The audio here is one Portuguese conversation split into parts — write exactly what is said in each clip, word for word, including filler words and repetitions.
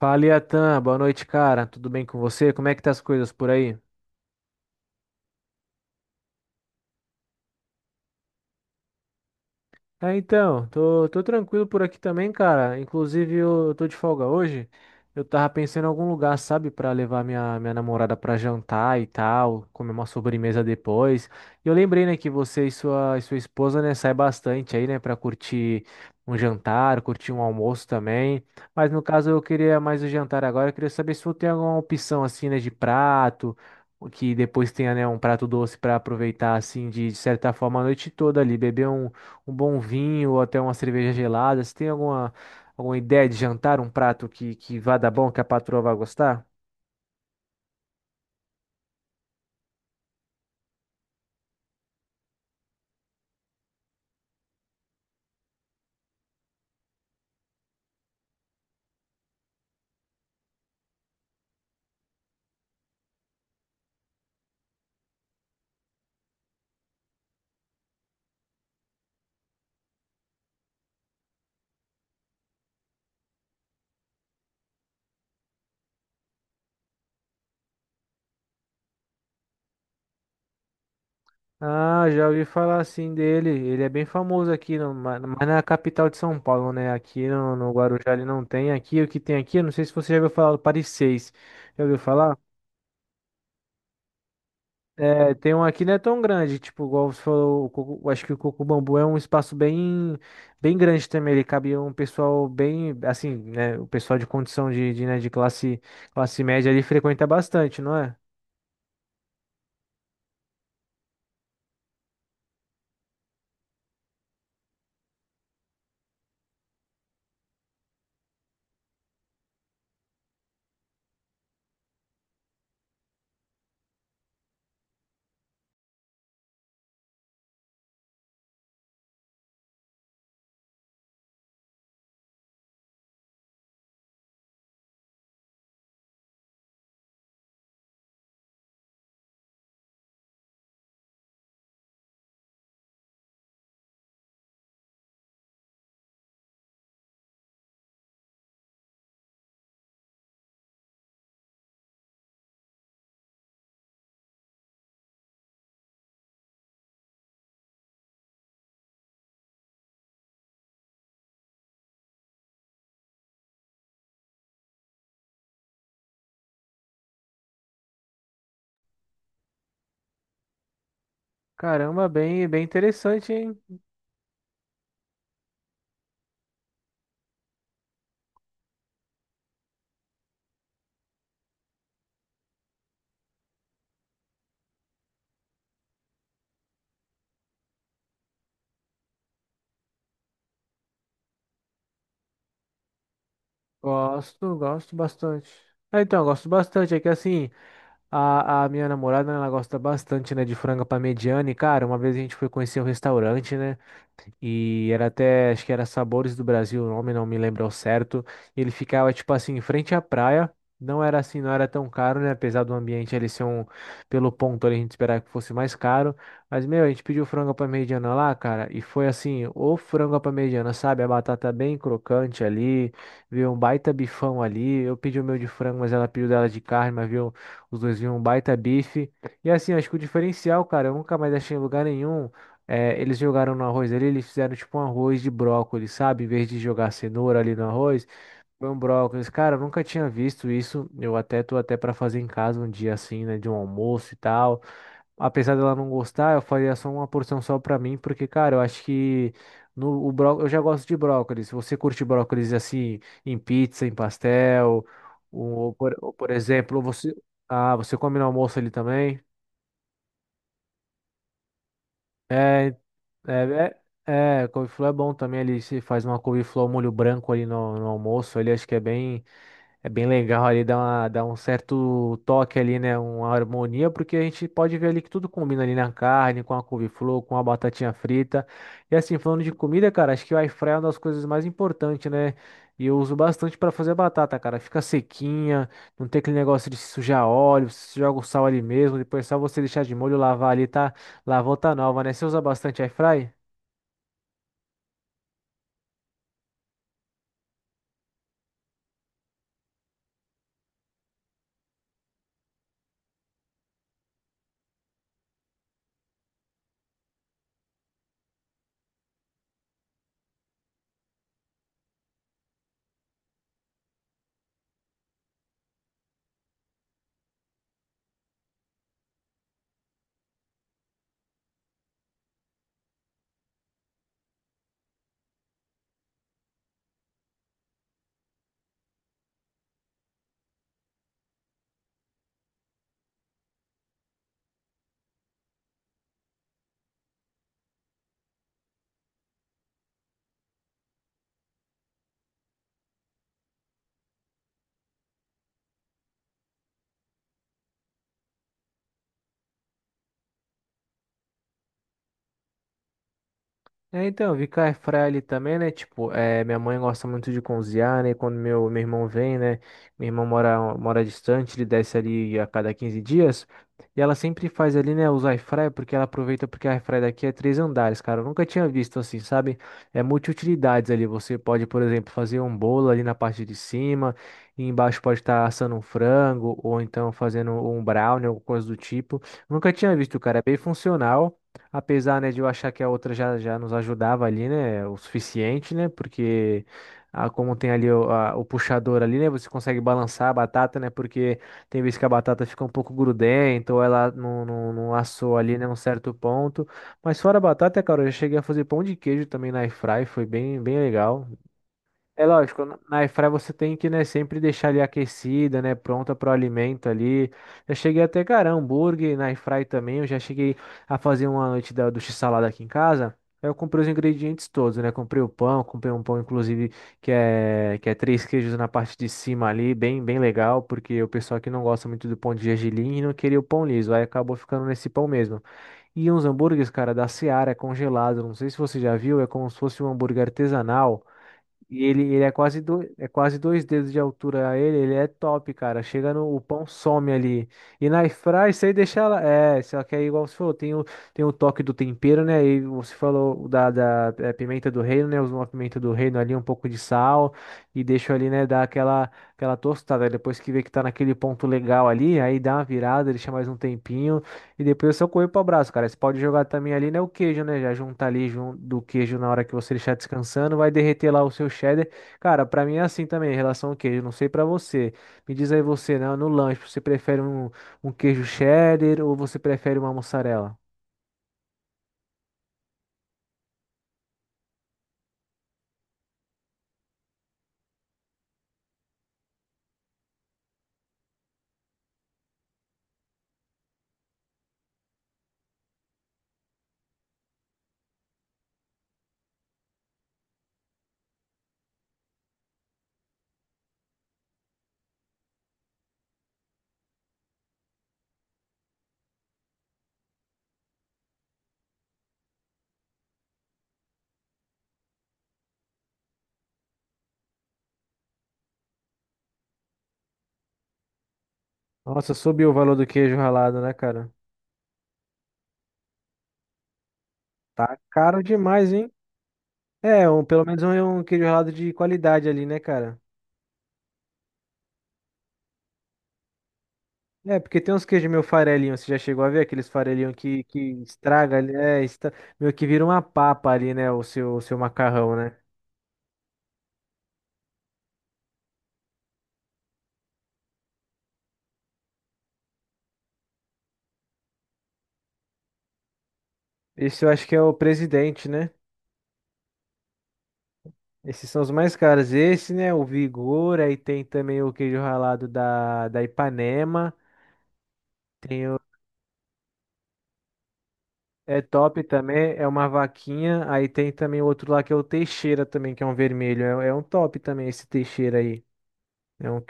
Fala, Iatan. Boa noite, cara. Tudo bem com você? Como é que tá as coisas por aí? É, então, tô, tô tranquilo por aqui também, cara. Inclusive, eu, eu tô de folga hoje. Eu tava pensando em algum lugar, sabe, pra levar minha, minha namorada pra jantar e tal, comer uma sobremesa depois. E eu lembrei, né, que você e sua, e sua esposa, né, sai bastante aí, né, pra curtir um jantar, curtir um almoço também. Mas no caso, eu queria mais o jantar agora. Eu queria saber se você tem alguma opção, assim, né, de prato, o que depois tenha, né, um prato doce pra aproveitar, assim, de, de certa forma, a noite toda ali, beber um um bom vinho ou até uma cerveja gelada. Você tem alguma, alguma ideia de jantar, um prato que, que vá dar bom, que a patroa vai gostar? Ah, já ouvi falar assim dele. Ele é bem famoso aqui, no, ma- mas na capital de São Paulo, né? Aqui no, no Guarujá ele não tem. Aqui o que tem aqui, eu não sei se você já ouviu falar do Paris seis. Já ouviu falar? É, tem um aqui não é tão grande, tipo, igual você falou, o coco- eu acho que o Coco Bambu é um espaço bem, bem grande também, ele cabia um pessoal bem, assim, né, o pessoal de condição de, de, né, de classe, classe média ali frequenta bastante, não é? Caramba, bem, bem interessante, hein? Gosto, gosto bastante. Ah, então, gosto bastante, é que assim, A, a minha namorada, né, ela gosta bastante, né, de franga parmegiana. E, cara, uma vez a gente foi conhecer um restaurante, né? E era até, acho que era Sabores do Brasil, o nome não me lembro ao certo. E ele ficava, tipo assim, em frente à praia. Não era assim, não era tão caro, né? Apesar do ambiente ali ser um, pelo ponto ali, a gente esperava que fosse mais caro. Mas, meu, a gente pediu frango à parmegiana lá, cara, e foi assim, o frango à parmegiana, sabe? A batata bem crocante ali, veio um baita bifão ali. Eu pedi o meu de frango, mas ela pediu dela de carne, mas viu os dois vinham um baita bife. E assim, acho que o diferencial, cara, eu nunca mais achei em lugar nenhum. É, eles jogaram no arroz ali, eles fizeram tipo um arroz de brócolis, sabe? Em vez de jogar cenoura ali no arroz, foi um brócolis. Cara, eu nunca tinha visto isso. Eu até tô até pra fazer em casa um dia assim, né? De um almoço e tal apesar dela não gostar, eu faria só uma porção só pra mim, porque, cara, eu acho que no, o bró, eu já gosto de brócolis. Se você curte brócolis assim, em pizza, em pastel, ou por, ou, por exemplo, você. Ah, você come no almoço ali também? É, é, é, é, couve-flor é bom também. Ali se faz uma couve-flor ao molho branco ali no, no almoço. Ali acho que é bem. É bem legal ali, dá, uma- dá um certo toque ali, né? Uma harmonia, porque a gente pode ver ali que tudo combina ali na carne, com a couve-flor, com a batatinha frita. E assim, falando de comida, cara, acho que o air fryer é uma das coisas mais importantes, né? E eu uso bastante para fazer batata, cara. Fica sequinha, não tem aquele negócio de sujar óleo, você joga o sal ali mesmo, depois é só você deixar de molho, lavar ali, tá? Lavou tá nova, né? Você usa bastante air fry? É, então, ficar air fryer ali também, né? Tipo, é, minha mãe gosta muito de cozinhar, né? Quando meu, meu irmão vem, né? Meu irmão mora, mora distante, ele desce ali a cada quinze dias. E ela sempre faz ali, né? Os air fryer, porque ela aproveita porque a air fryer daqui é três andares, cara. Eu nunca tinha visto assim, sabe? É multiutilidades ali. Você pode, por exemplo, fazer um bolo ali na parte de cima. E embaixo pode estar assando um frango ou então fazendo um brownie, alguma coisa do tipo. Nunca tinha visto, cara. É bem funcional. Apesar, né, de eu achar que a outra já, já nos ajudava ali, né, o suficiente, né, porque ah, como tem ali o, a- o puxador ali, né, você consegue balançar a batata, né, porque tem vezes que a batata fica um pouco grudenta ou ela não, não, não assou ali, né, um certo ponto. Mas fora a batata, cara, eu já cheguei a fazer pão de queijo também na airfry, foi bem, bem legal. É lógico, na na airfryer você tem que, né, sempre deixar ali aquecida, né, pronta para o alimento ali. Já cheguei até, cara, hambúrguer na airfryer também, eu já cheguei a fazer uma noite da, do x-salada aqui em casa. Aí eu comprei os ingredientes todos, né, comprei o pão, comprei um pão, inclusive, que é, que é três queijos na parte de cima ali, bem, bem legal, porque o pessoal que não gosta muito do pão de gergelim e não queria o pão liso, aí acabou ficando nesse pão mesmo. E uns hambúrgueres, cara, da Seara, é congelado, não sei se você já viu, é como se fosse um hambúrguer artesanal, e ele, ele é quase do, é quase dois dedos de altura a ele, ele é top, cara. Chega no, o pão some ali. E na airfryer, isso aí deixa ela, é, só que é igual você falou, tem o, tem o toque do tempero, né? E você falou da, da é, pimenta do reino, né? Usa uma pimenta do reino ali, um pouco de sal e deixa ali, né, dá aquela aquela tostada. Depois que vê que tá naquele ponto legal ali, aí dá uma virada, deixa mais um tempinho. E depois eu só correr pro braço, cara. Você pode jogar também ali, né, o queijo, né? Já juntar ali junto do queijo na hora que você deixar descansando, vai derreter lá o seu cheddar. Cara, pra mim é assim também, em relação ao queijo. Não sei pra você. Me diz aí você, né, no lanche, você prefere um, um queijo cheddar ou você prefere uma mussarela? Nossa, subiu o valor do queijo ralado, né, cara? Tá caro demais, hein? É, um, pelo menos um, um queijo ralado de qualidade ali, né, cara? É, porque tem uns queijos meio farelinho, você já chegou a ver aqueles farelinhos que, que estraga ali, é, estra... meio que vira uma papa ali, né, o seu, o seu macarrão, né? Esse eu acho que é o presidente, né? Esses são os mais caros. Esse, né, o Vigor, aí tem também o queijo ralado da, da Ipanema, tem o... É top também, é uma vaquinha, aí tem também o outro lá que é o Teixeira também, que é um vermelho, é, é um top também esse Teixeira aí. é um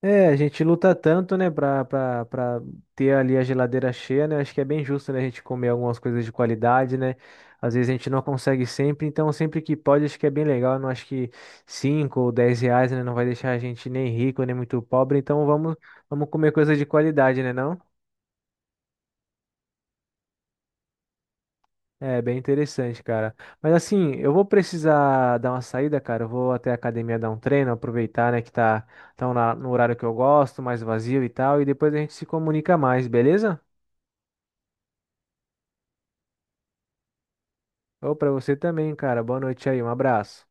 É, a gente luta tanto, né, pra, pra, pra ter ali a geladeira cheia, né? Acho que é bem justo, né, a gente comer algumas coisas de qualidade, né? Às vezes a gente não consegue sempre, então sempre que pode, acho que é bem legal. Eu não acho que cinco ou dez reais, né, não vai deixar a gente nem rico, nem muito pobre, então vamos, vamos comer coisa de qualidade, né, não? É, bem interessante, cara. Mas assim, eu vou precisar dar uma saída, cara. Eu vou até a academia dar um treino, aproveitar, né, que tá, tá na- no horário que eu gosto, mais vazio e tal, e depois a gente se comunica mais, beleza? Ô, pra você também, cara. Boa noite aí. Um abraço.